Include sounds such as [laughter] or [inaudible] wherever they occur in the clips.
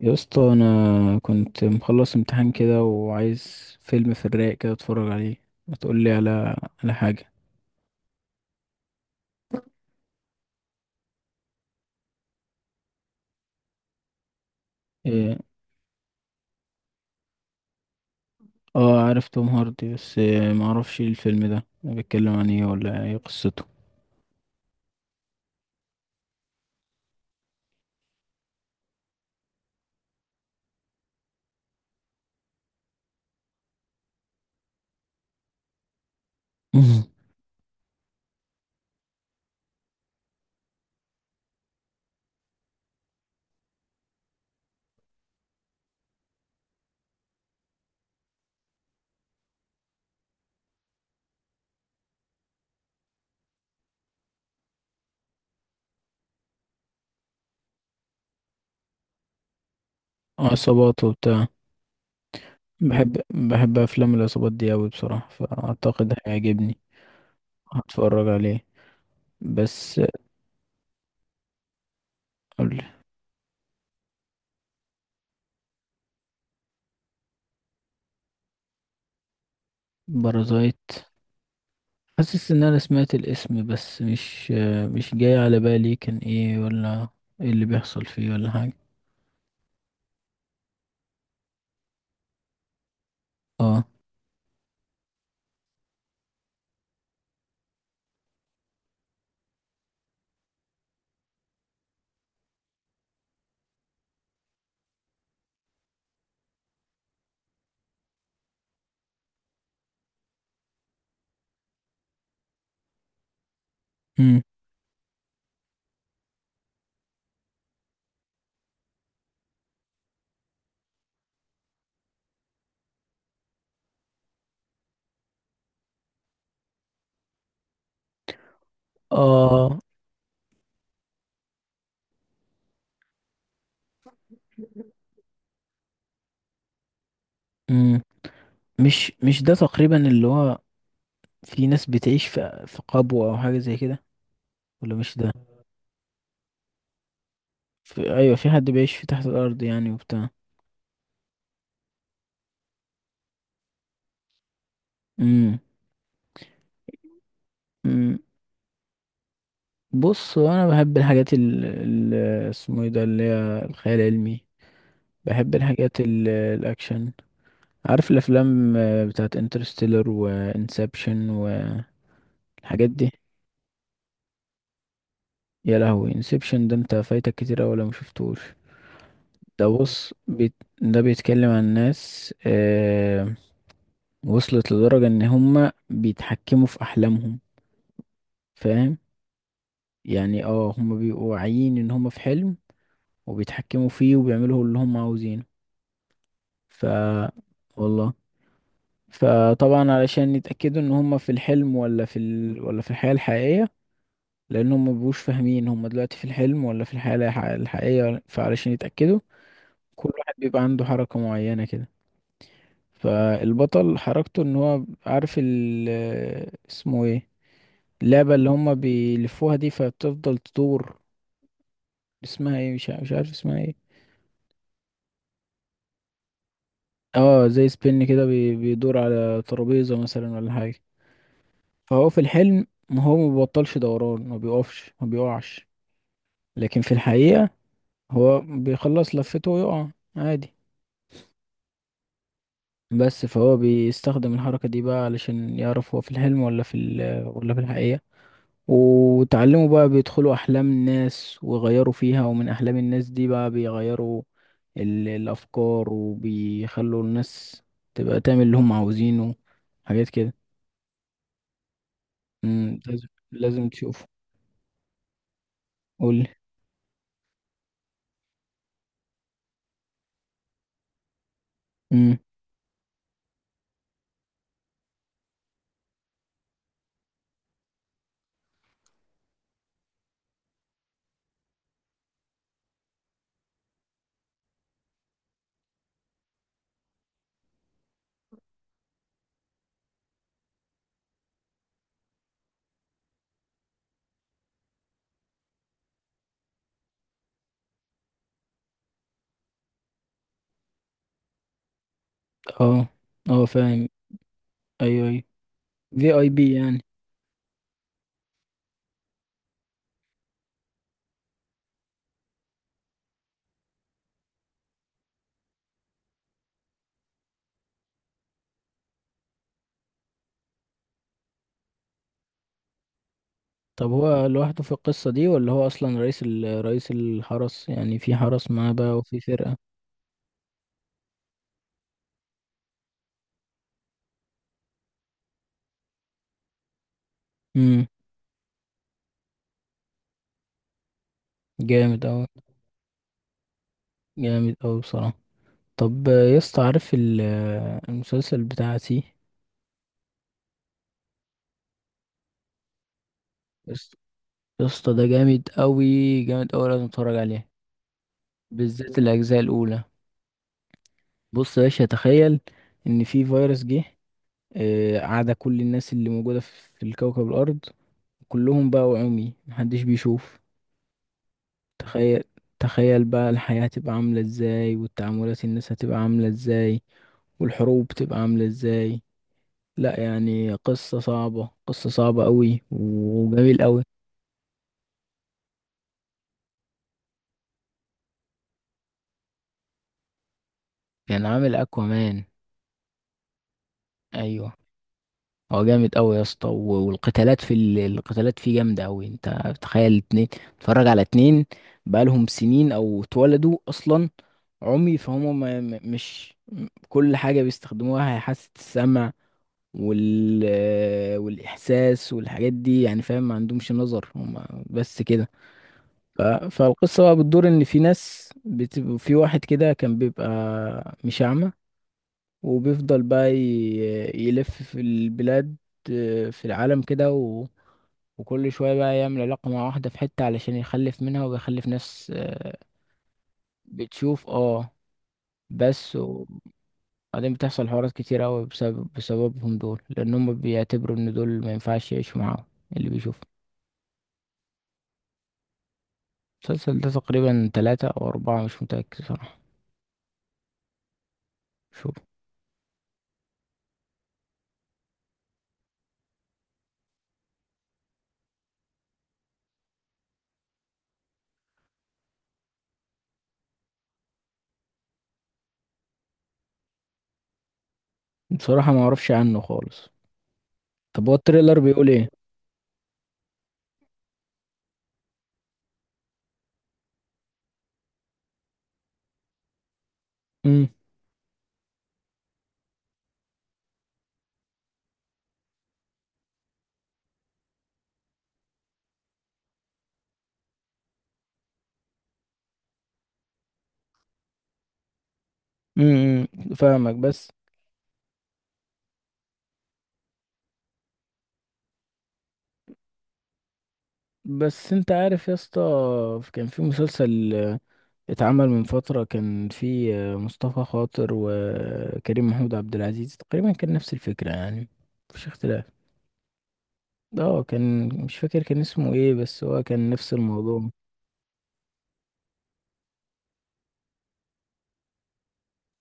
يا اسطى، انا كنت مخلص امتحان كده وعايز فيلم في الرايق كده اتفرج عليه. ما تقول لي على حاجه. إيه، اه، عارف توم هاردي، بس ما اعرفش إيه الفيلم ده بيتكلم عن ايه ولا ايه قصته. [laughs] مم. عصابات وبتاع. بحب افلام العصابات دي اوي بصراحه، فاعتقد هيعجبني. هتفرج عليه. بس قول. بارازايت. حاسس ان انا سمعت الاسم، بس مش جاي على بالي كان ايه، ولا ايه اللي بيحصل فيه، ولا حاجه. اه. امم. اه. امم مش ده تقريبا اللي هو في ناس بتعيش في قبو او حاجه زي كده، ولا مش ده. ايوه، في حد بيعيش في تحت الارض يعني وبتاع. امم. امم. بص، هو انا بحب الحاجات اسمه ايه ده اللي هي الخيال العلمي. بحب الحاجات الاكشن. عارف الافلام بتاعت انترستيلر وانسبشن والحاجات دي. يا لهوي، انسبشن ده انت فايتك كتير أوي لو مشفتوش. ده بص، ده بيتكلم عن ناس وصلت لدرجة ان هما بيتحكموا في احلامهم، فاهم؟ يعني اه، هما بيبقوا واعيين ان هما في حلم، وبيتحكموا فيه وبيعملوا اللي هما عاوزينه. ف والله. فطبعا علشان يتأكدوا ان هما في الحلم ولا ولا في الحياة الحقيقية، لان هما مبيبقوش فاهمين هما دلوقتي في الحلم ولا في الحياة الحقيقية، فعلشان يتأكدوا كل واحد بيبقى عنده حركة معينة كده. فالبطل حركته ان هو عارف اسمه ايه اللعبة اللي هما بيلفوها دي، فبتفضل تدور. اسمها ايه، مش عارف اسمها ايه. اه، زي سبين كده، بيدور على ترابيزة مثلا ولا حاجة. فهو في الحلم ما هو ما بيبطلش دوران، ما بيقفش، ما بيقعش. لكن في الحقيقة هو بيخلص لفته ويقع عادي، بس. فهو بيستخدم الحركة دي بقى علشان يعرف هو في الحلم ولا في ولا في الحقيقة. وتعلموا بقى بيدخلوا أحلام الناس ويغيروا فيها، ومن أحلام الناس دي بقى بيغيروا الأفكار، وبيخلوا الناس تبقى تعمل اللي هم عاوزينه، حاجات كده. لازم لازم تشوفه. قولي. مم. اه اه، فاهم. أيوه أيوه. في أي بي يعني. طب هو لوحده في القصة دي ولا هو أصلا رئيس رئيس الحرس يعني؟ في حرس معاه بقى وفي فرقة. مم. جامد أوي. جامد أوي بصراحة. طب يا اسطى، عارف المسلسل بتاع سي. يا اسطى، يا اسطى، ده جامد قوي. جامد قوي، لازم تتفرج عليه، بالذات الاجزاء الاولى. بص يا باشا، تخيل ان في فيروس جه، عاد كل الناس اللي موجوده في الكوكب الارض كلهم بقوا عمي، محدش بيشوف. تخيل. تخيل بقى الحياه هتبقى عامله ازاي، والتعاملات الناس هتبقى عامله ازاي، والحروب تبقى عامله ازاي. لا يعني، قصه صعبه، قصه صعبه قوي وجميل قوي. كان عامل اكوامان. ايوه. هو جامد قوي يا اسطى، والقتالات في القتالات فيه جامده قوي. انت تخيل اتنين تتفرج على اتنين بقالهم سنين او اتولدوا اصلا عمي، فهم ما ما- مش م- كل حاجه بيستخدموها هي حاسه السمع وال والاحساس والحاجات دي يعني، فاهم؟ ما عندهمش نظر هم، بس كده. فالقصه بقى بتدور ان في ناس في واحد كده كان بيبقى مش اعمى، وبيفضل بقى يلف في البلاد، في العالم كده، وكل شوية بقى يعمل علاقة مع واحدة في حتة علشان يخلف منها، وبيخلف ناس بتشوف. اه، بس. وبعدين بتحصل حوارات كتير أوي بسببهم دول، لأن هم بيعتبروا إن دول ما ينفعش يعيشوا معاهم اللي بيشوفوا. المسلسل ده تقريبا تلاتة أو أربعة، مش متأكد صراحة. شوف. بصراحة ما أعرفش عنه خالص. طب هو التريلر بيقول إيه؟ امم. امم فاهمك، بس. بس انت عارف يا اسطى، كان في مسلسل اتعمل من فترة، كان في مصطفى خاطر وكريم محمود عبد العزيز، تقريبا كان نفس الفكرة يعني، مفيش اختلاف. اه، كان، مش فاكر كان اسمه ايه، بس هو كان نفس الموضوع.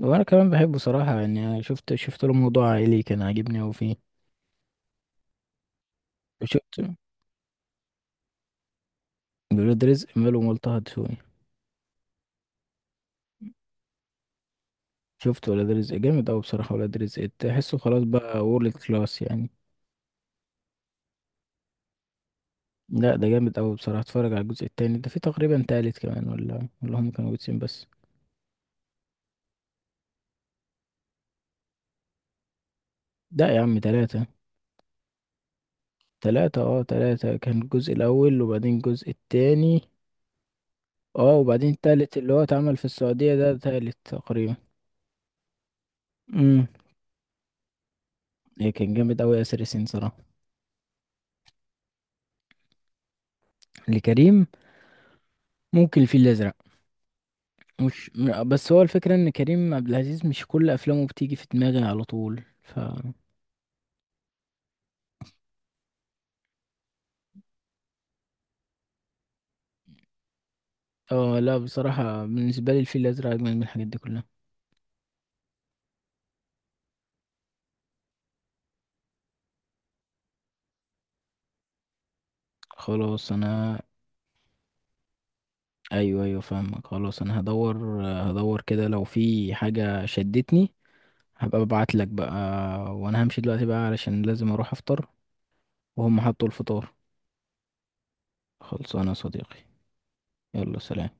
وانا كمان بحبه صراحة يعني. أنا شفت له موضوع عائلي كان عاجبني اوي فيه. وشفت ولاد رزق ماله ملطه دسوقي. شفت ولاد رزق، جامد اوي بصراحة. ولاد رزق تحسه خلاص بقى وورلد كلاس يعني. لا ده جامد أوي بصراحة، اتفرج على الجزء التاني ده. في تقريبا تالت كمان ولا هم كانوا جزئين بس؟ لا يا عم، تلاتة. تلاتة اه، تلاتة، كان الجزء الأول وبعدين الجزء التاني، اه، وبعدين التالت اللي هو اتعمل في السعودية ده، تالت تقريبا. امم. إيه، كان جامد أوي ياسر ياسين صراحة. لكريم. ممكن الفيل الأزرق. مش م- بس هو الفكرة إن كريم عبد العزيز مش كل أفلامه بتيجي في دماغي على طول. اه. لا بصراحة بالنسبة لي الفيل الأزرق أجمل من الحاجات دي كلها. خلاص أنا. ايوه ايوه فاهمك، خلاص انا هدور. هدور كده لو في حاجة شدتني، هبقى ببعت لك بقى. وانا همشي دلوقتي بقى، علشان لازم اروح افطر وهم حطوا الفطار. خلصانه يا صديقي. يلا، سلام.